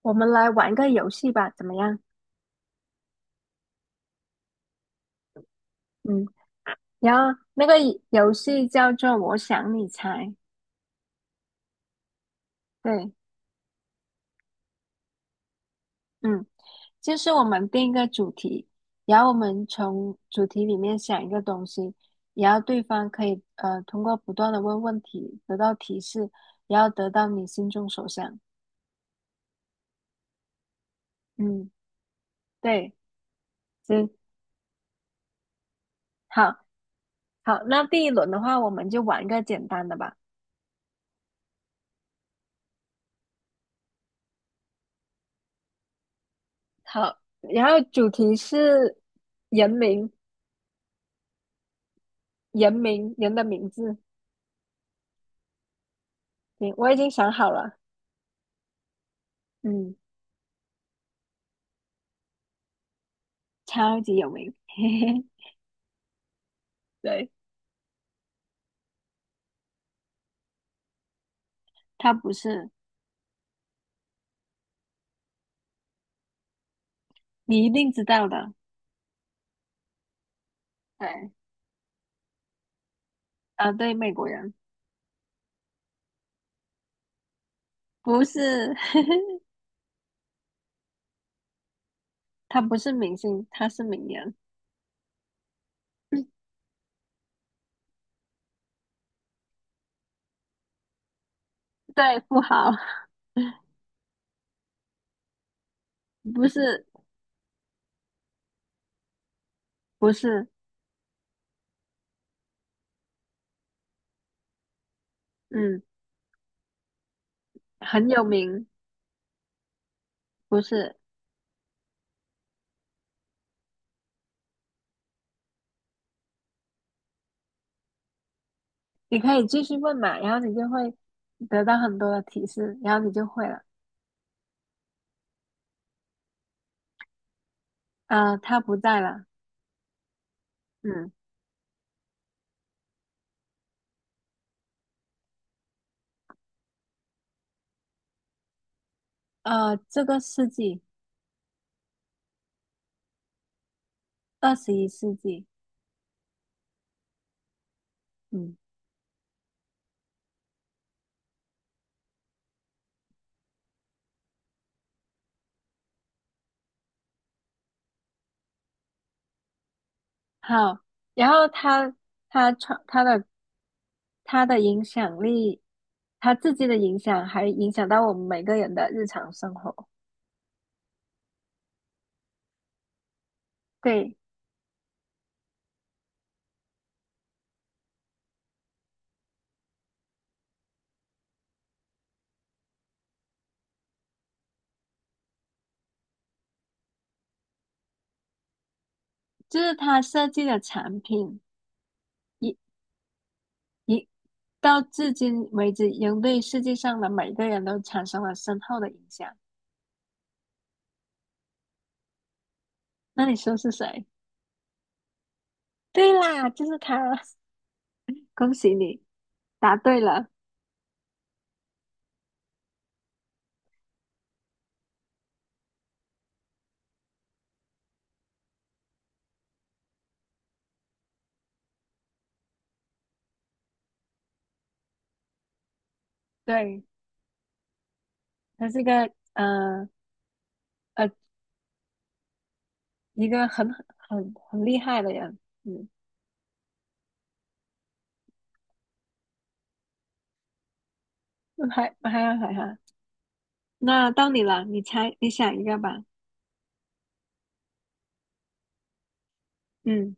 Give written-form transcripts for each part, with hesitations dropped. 我们来玩个游戏吧，怎么样？嗯。然后那个游戏叫做"我想你猜"。对。嗯，就是我们定一个主题，然后我们从主题里面想一个东西，然后对方可以通过不断的问问题得到提示，然后得到你心中所想。嗯。对。行。好。好，那第一轮的话，我们就玩一个简单的吧。好，然后主题是人名。人名，人的名字。行，我已经想好了。嗯，超级有名。嘿嘿。对。他不是。你一定知道的。对。啊，对，美国人。不是。他不是明星，他是名人。对，富豪。不是。不是。嗯，很有名。不是。你可以继续问嘛，然后你就会得到很多的提示，然后你就会了。啊，他不在了。嗯。啊，这个世纪。21世纪。嗯。好，然后他创他的他的影响力，他自己的影响还影响到我们每个人的日常生活。对，就是他设计的产品，一一到至今为止，已经对世界上的每个人都产生了深厚的影响。那你说是谁？对啦，就是他。恭喜你答对了。对，他是呃呃一个很厉害的人。嗯，还好还好。那到你了，你猜，你想一个吧。嗯。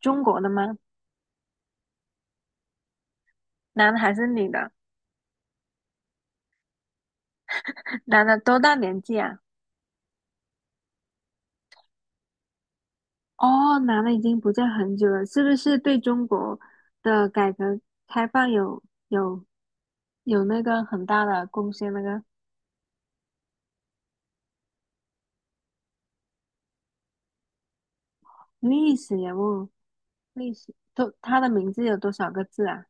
中国的吗？男的还是女的？男的多大年纪啊？哦，男的已经不在很久了，是不是对中国的改革开放有有那个很大的贡献？那个历史人物。历史，都，他的名字有多少个字啊？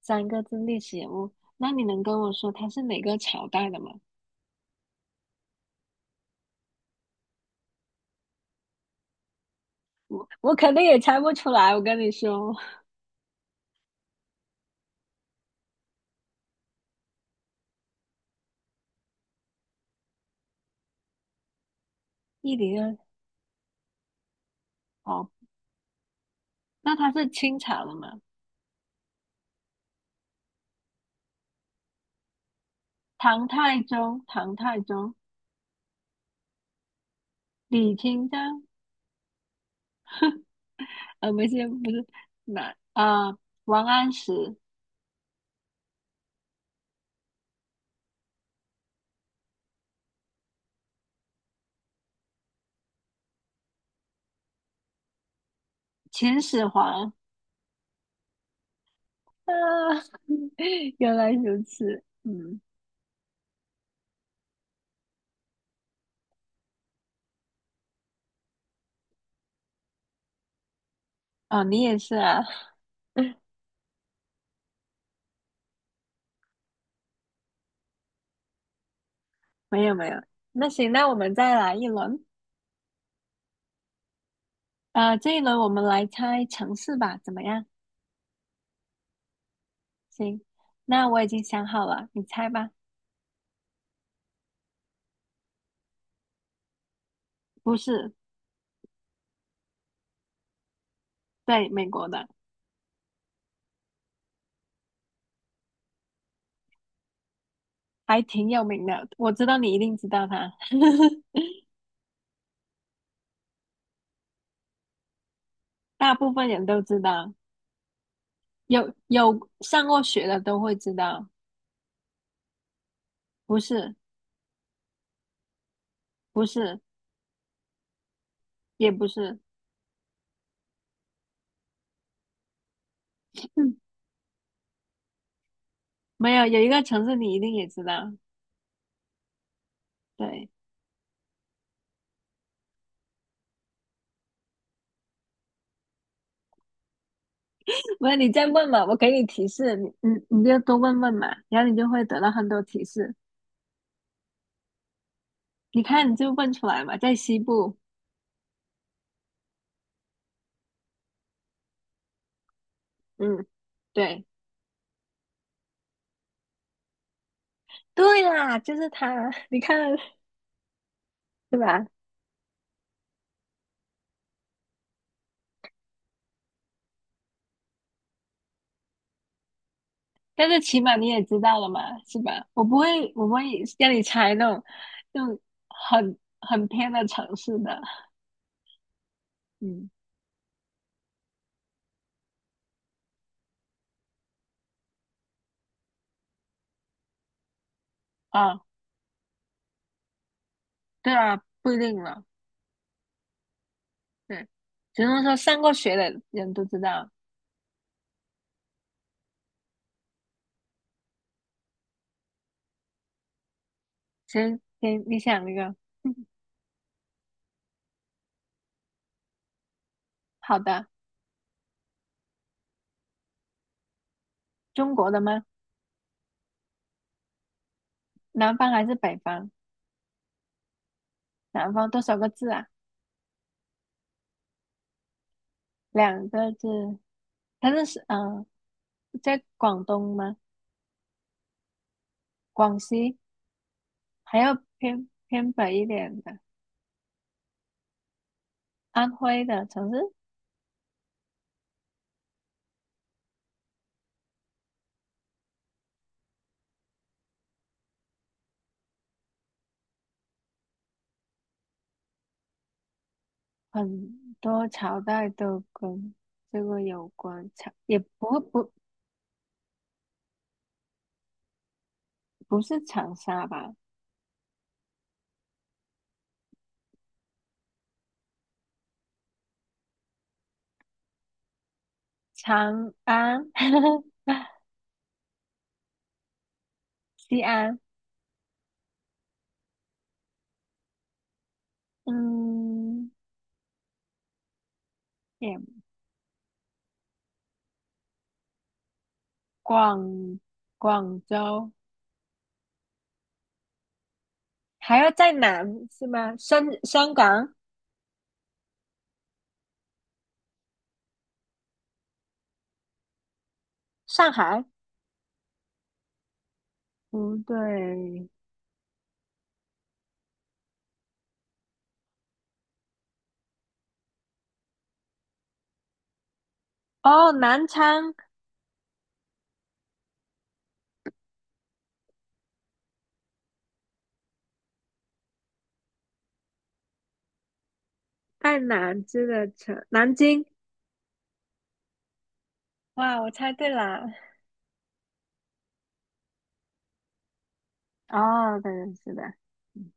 3个字，历史人物。那你能跟我说他是哪个朝代的吗？我肯定也猜不出来，我跟你说。102。哦，那他是清朝的吗？唐太宗，唐太宗。李清照。不是不是。哪啊、王安石。秦始皇啊。原来如此。嗯。哦，你也是啊。没有没有。那行，那我们再来一轮。这一轮我们来猜城市吧，怎么样？行，那我已经想好了，你猜吧。不是。对，美国的。还挺有名的，我知道你一定知道它。大部分人都知道。有上过学的都会知道。不是。不是。也不是。嗯。没有。有一个城市你一定也知道。对。不是，你再问嘛，我给你提示，你就多问问嘛，然后你就会得到很多提示。你看你就问出来嘛。在西部。嗯。对。对啦，就是它，你看。是吧？但是起码你也知道了嘛，是吧？我不会让你猜那种很偏的城市的。嗯啊。对啊，不一定了。对，只能说上过学的人都知道。行，行，你想一个。好的。中国的吗？南方还是北方？南方多少个字啊？2个字。它是在广东吗？广西。还要偏北一点的。安徽的城市。很多朝代都跟这个有关。不是长沙吧？长安。西安。嗯。也广广州，还要再南是吗？香港。上海？不对。哦，南昌。在南这个城，南京。哇，我猜对了。哦，对，是的。嗯，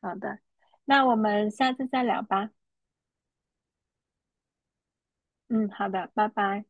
好的，那我们下次再聊吧。嗯，好的，拜拜。